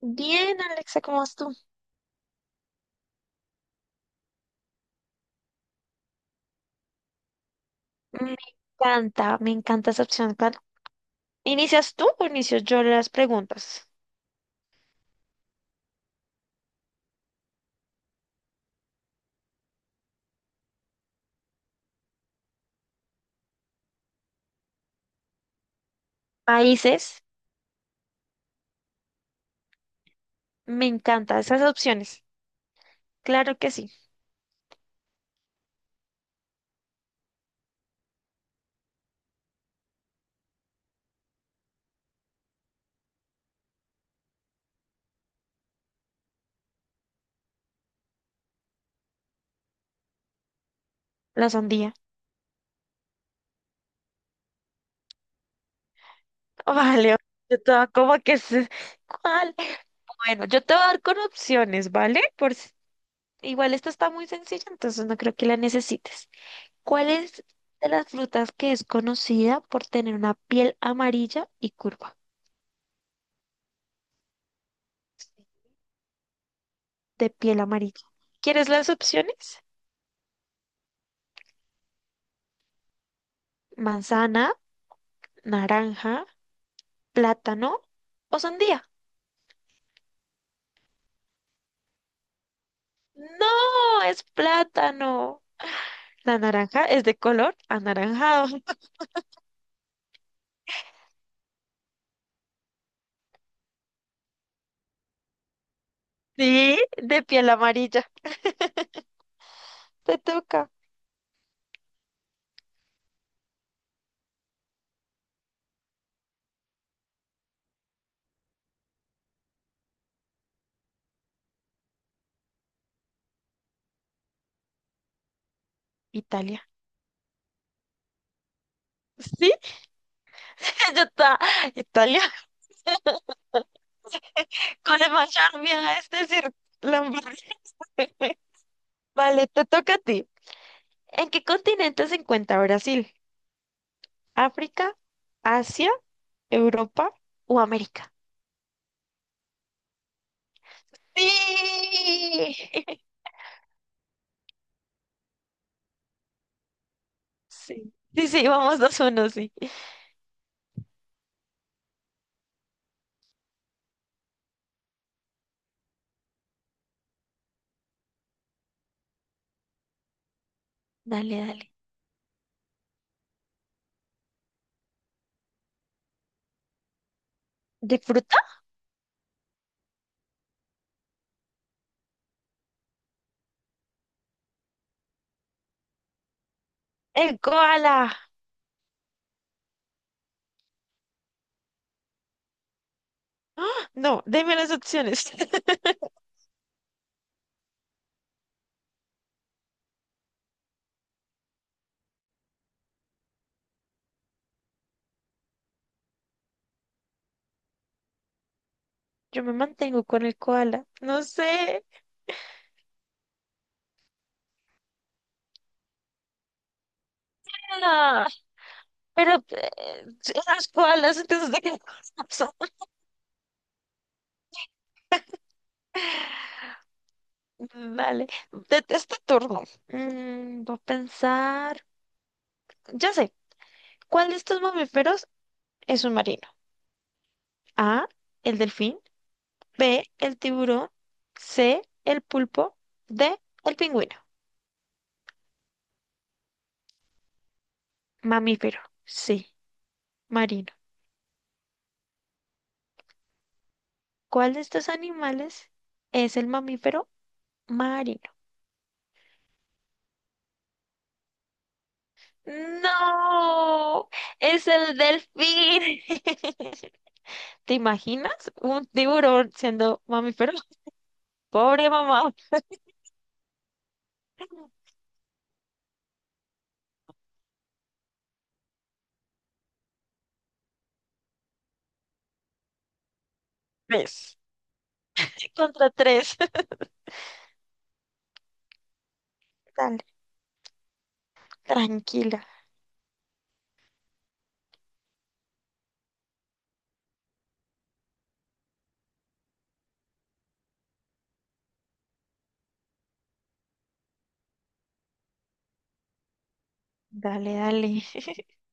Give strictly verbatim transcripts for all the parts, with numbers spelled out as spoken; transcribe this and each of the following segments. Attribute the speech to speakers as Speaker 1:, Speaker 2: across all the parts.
Speaker 1: Bien, Alexa, ¿cómo vas tú? Me encanta, me encanta esa opción. Claro. ¿Inicias tú o inicio yo las preguntas? Países, me encanta esas opciones. Claro que sí, la sandía. Vale, yo te voy a como que se- ¿Cuál? Bueno, yo te voy a dar con opciones, ¿vale? Por si- Igual esta está muy sencilla, entonces no creo que la necesites. ¿Cuál es de las frutas que es conocida por tener una piel amarilla y curva? De piel amarilla. ¿Quieres las opciones? Manzana, naranja, plátano o sandía. No, es plátano. La naranja es de color anaranjado. Sí, de piel amarilla. Te toca. Italia. Sí, ya está. Italia. Con el macharmia, es decir, Lamborghini. Vale, te toca a ti. ¿En qué continente se encuentra Brasil? ¿África, Asia, Europa o América? Sí. Sí, sí, sí, vamos dos uno, sí. Dale, dale. ¿De fruta? El koala. ¡Ah! No, deme las opciones. Yo me mantengo con el koala. No sé. Ah, pero eh, las koalas, ¿entonces de qué cosa son? Vale. De este turno. Mm, voy a pensar. Ya sé. ¿Cuál de estos mamíferos es un marino? A. El delfín. B. El tiburón. C. El pulpo. D. El pingüino. Mamífero. Sí. Marino. ¿Cuál de estos animales es el mamífero marino? No, es el delfín. ¿Te imaginas un tiburón siendo mamífero? Pobre mamá. Tres contra tres. Dale, tranquila. Dale, dale.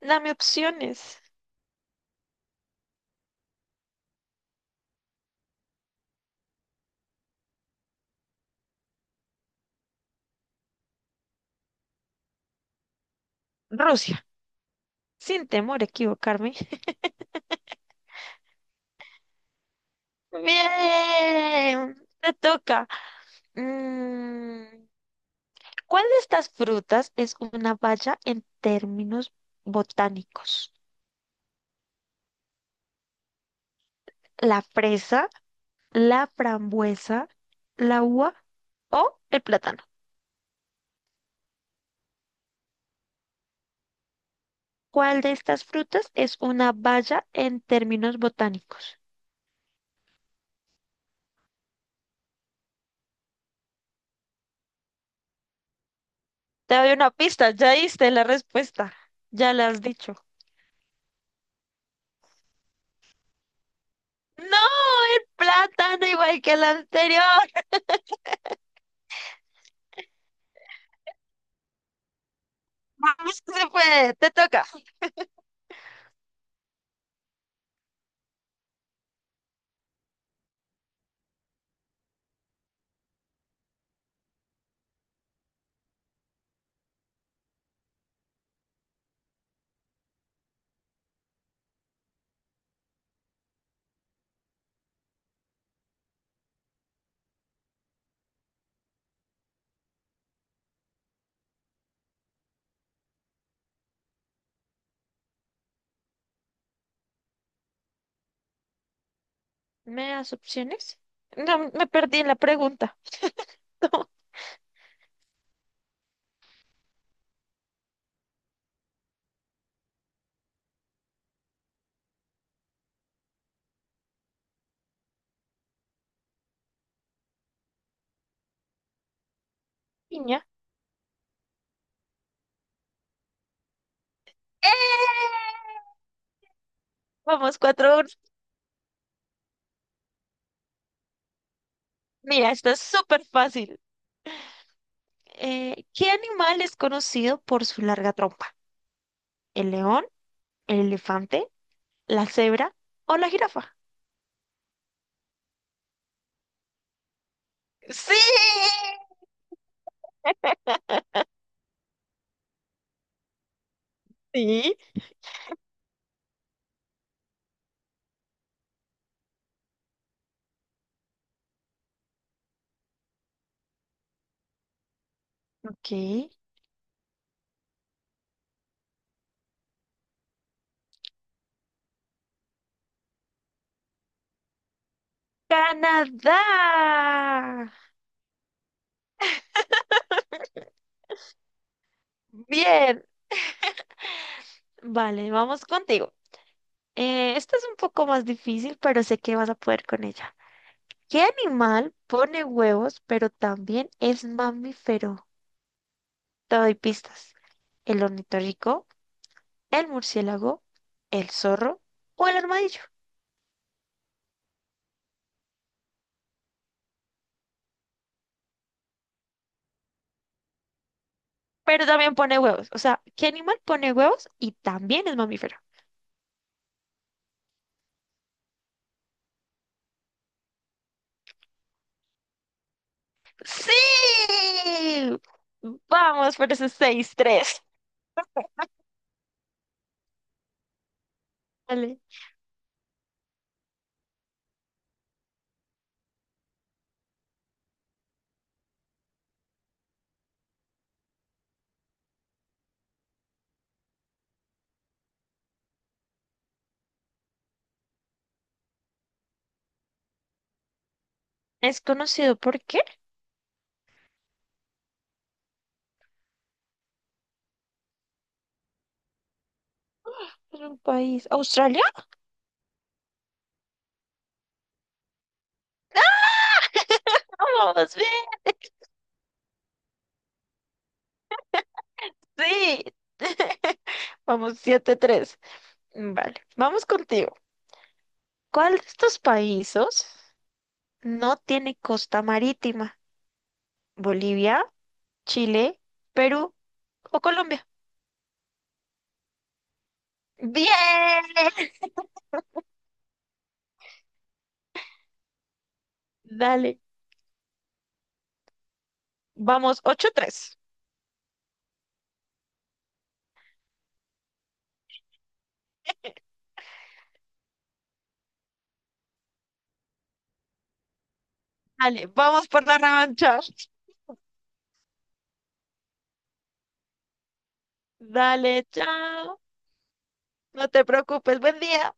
Speaker 1: Dame opciones. Rusia, sin temor a equivocarme. Bien, te toca. Mm, ¿Cuál de estas frutas es una baya en términos botánicos? ¿La fresa, la frambuesa, la uva o el plátano? ¿Cuál de estas frutas es una baya en términos botánicos? Te doy una pista, ya diste la respuesta, ya la has dicho. ¡No! ¡El plátano igual que el anterior! ¡Vamos que se puede! ¡Te toca! ¿Me das opciones? No, me perdí en la pregunta. Piña. ¡Eh! Vamos, cuatro. Mira, esta es súper fácil. Eh, ¿qué animal es conocido por su larga trompa? ¿El león, el elefante, la cebra o la jirafa? Sí. Sí. Ok. Canadá. Bien. Vale, vamos contigo. Eh, esta es un poco más difícil, pero sé que vas a poder con ella. ¿Qué animal pone huevos, pero también es mamífero? Te doy pistas. ¿El ornitorrinco, el murciélago, el zorro o el armadillo? Pero también pone huevos. O sea, ¿qué animal pone huevos y también es mamífero? ¡Sí! Vamos por esos seis tres. Vale. ¿Es conocido por qué? Es un país. ¿Australia? Vamos, bien. Sí. Vamos, siete tres. Vale, vamos contigo. ¿Cuál de estos países no tiene costa marítima? ¿Bolivia, Chile, Perú o Colombia? Bien. Dale, vamos, ocho tres. Dale, vamos por la revancha. Dale, chao. No te preocupes, buen día.